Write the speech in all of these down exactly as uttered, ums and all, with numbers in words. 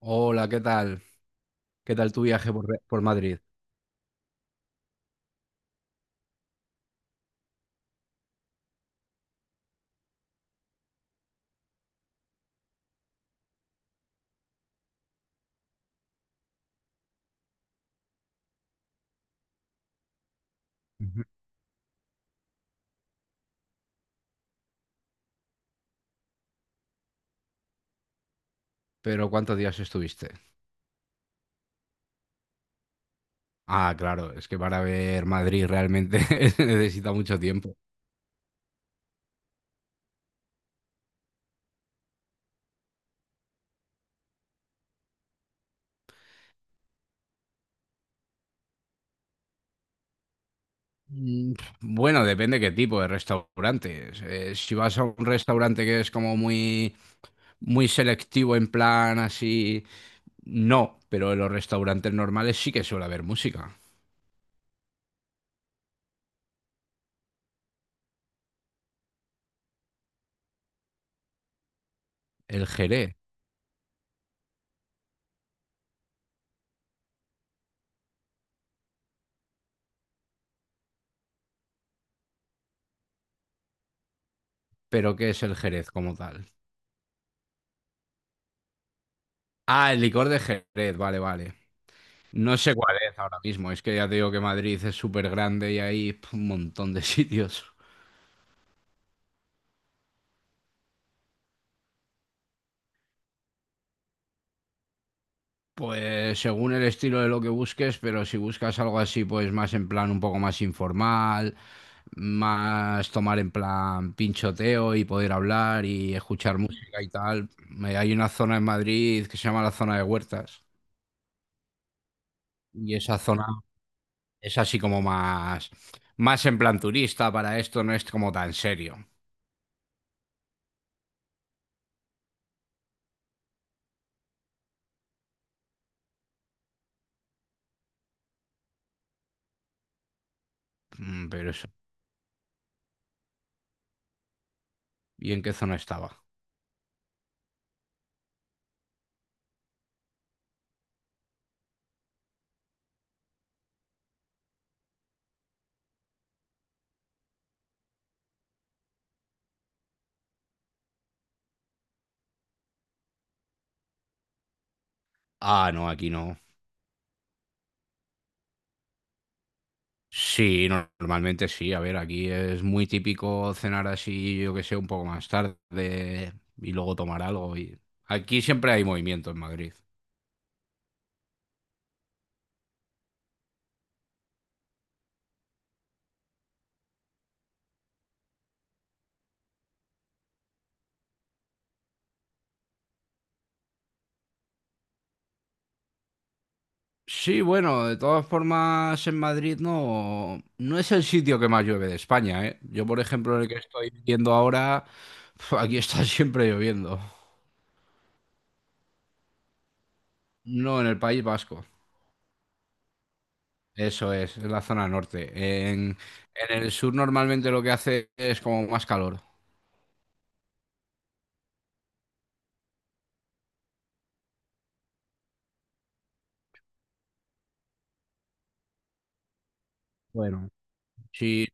Hola, ¿qué tal? ¿Qué tal tu viaje por, Re- por Madrid? Ujú. Pero ¿cuántos días estuviste? Ah, claro, es que para ver Madrid realmente se necesita mucho tiempo. Mm, Bueno, depende qué tipo de restaurantes. Eh, si vas a un restaurante que es como muy, muy selectivo en plan así, no, pero en los restaurantes normales sí que suele haber música. El Jerez, pero ¿qué es el Jerez como tal? Ah, el licor de Jerez, vale, vale. No sé cuál es ahora mismo, es que ya te digo que Madrid es súper grande y hay pf, un montón de sitios. Pues según el estilo de lo que busques, pero si buscas algo así, pues más en plan un poco más informal, más tomar en plan pinchoteo y poder hablar y escuchar música y tal. me- Hay una zona en Madrid que se llama la zona de Huertas y esa zona es así como más, más en plan turista, para esto no es como tan serio. Mm, Pero eso, ¿y en qué zona estaba? Ah, no, aquí no. Sí, no- normalmente sí. A ver, aquí es muy típico cenar así, yo que sé, un poco más tarde y luego tomar algo. Y... Aquí siempre hay movimiento en Madrid. Sí, bueno, de todas formas en Madrid no, no es el sitio que más llueve de España, ¿eh? Yo, por ejemplo, en el que estoy viviendo ahora, aquí está siempre lloviendo. No, en el País Vasco. Eso es, en la zona norte. En, en el sur normalmente lo que hace es como más calor. Bueno. Si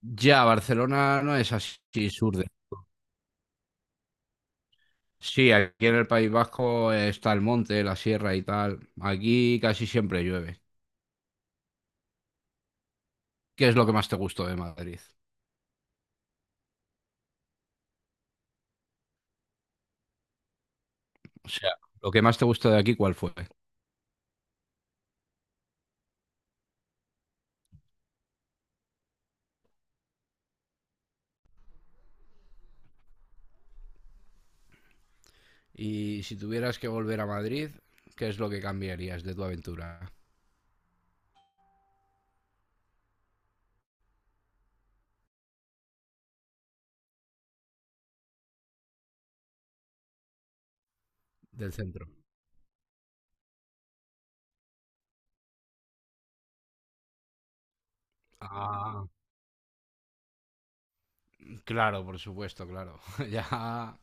Ya, Barcelona no es así sur de... Sí, aquí en el País Vasco eh, está el monte, la sierra y tal. Aquí casi siempre llueve. ¿Qué es lo que más te gustó de Madrid? O sea, lo que más te gustó de aquí, ¿cuál fue? Y si tuvieras que volver a Madrid, ¿qué es lo que cambiarías de tu aventura del centro? Ah, claro, por supuesto, claro. Ya.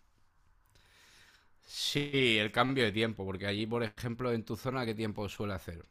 Sí, el cambio de tiempo, porque allí, por ejemplo, en tu zona, ¿qué tiempo suele hacer?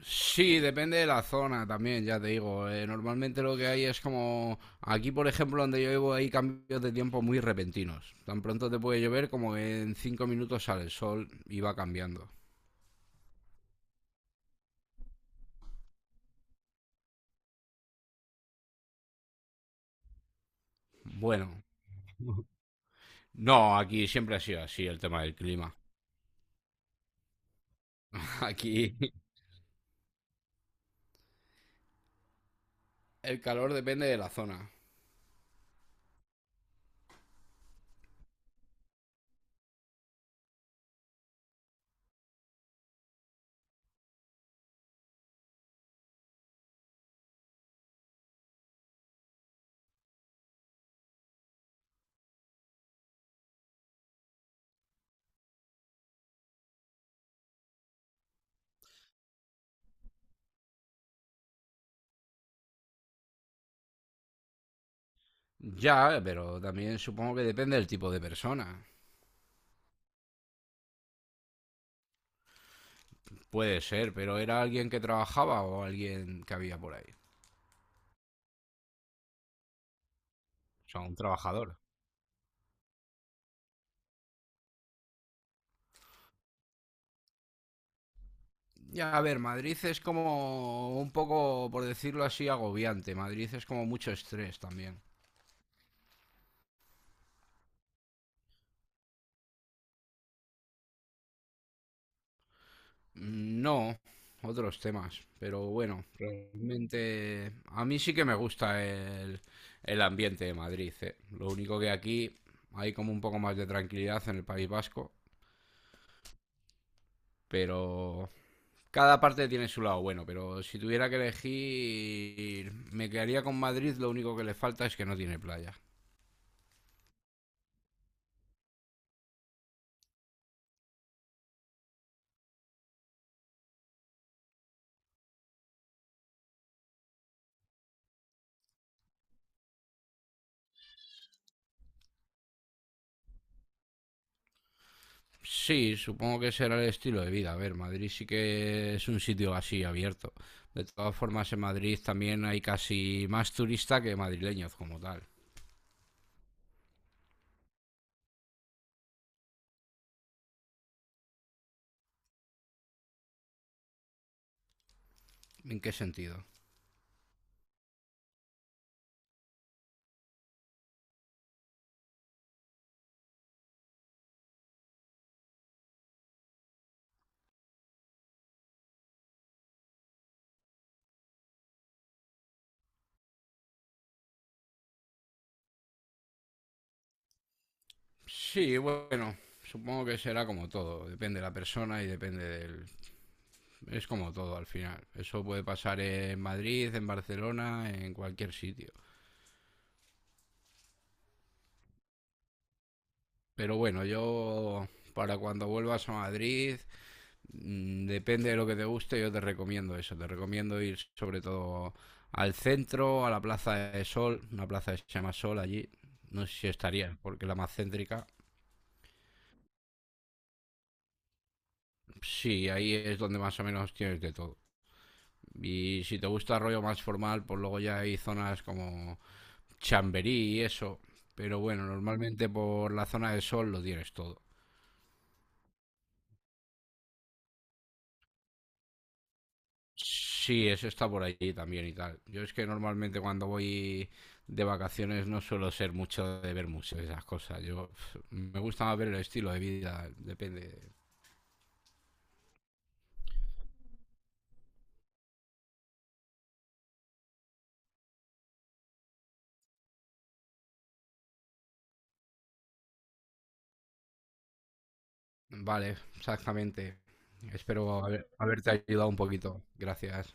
Sí, depende de la zona también, ya te digo. Eh, normalmente lo que hay es como aquí, por ejemplo, donde yo vivo hay cambios de tiempo muy repentinos. Tan pronto te puede llover como que en cinco minutos sale el sol y va cambiando. Bueno, no, aquí siempre ha sido así el tema del clima. Aquí el calor depende de la zona. Ya, pero también supongo que depende del tipo de persona. Puede ser, pero era alguien que trabajaba o alguien que había por ahí. O sea, un trabajador. Ya, a ver, Madrid es como un poco, por decirlo así, agobiante. Madrid es como mucho estrés también. No, otros temas, pero bueno, realmente a mí sí que me gusta el, el ambiente de Madrid, eh. Lo único que aquí hay como un poco más de tranquilidad en el País Vasco, pero cada parte tiene su lado bueno, pero si tuviera que elegir, me quedaría con Madrid, lo único que le falta es que no tiene playa. Sí, supongo que será el estilo de vida. A ver, Madrid sí que es un sitio así abierto. De todas formas, en Madrid también hay casi más turistas que madrileños como tal. ¿En qué sentido? Sí, bueno, supongo que será como todo. Depende de la persona y depende del... Es como todo al final. Eso puede pasar en Madrid, en Barcelona, en cualquier sitio. Pero bueno, yo para cuando vuelvas a Madrid, mm, depende de lo que te guste, yo te recomiendo eso. Te recomiendo ir sobre todo al centro, a la Plaza de Sol, una plaza que se llama Sol allí. No sé si estaría, porque la más céntrica. Sí, ahí es donde más o menos tienes de todo. Y si te gusta el rollo más formal, pues luego ya hay zonas como Chamberí y eso. Pero bueno, normalmente por la zona de Sol lo tienes todo. Sí, eso está por allí también y tal. Yo es que normalmente cuando voy de vacaciones no suelo ser mucho de ver museos y esas cosas. Yo pf, me gusta más ver el estilo de vida, depende. Vale, exactamente. Espero haber- haberte ayudado un poquito. Gracias.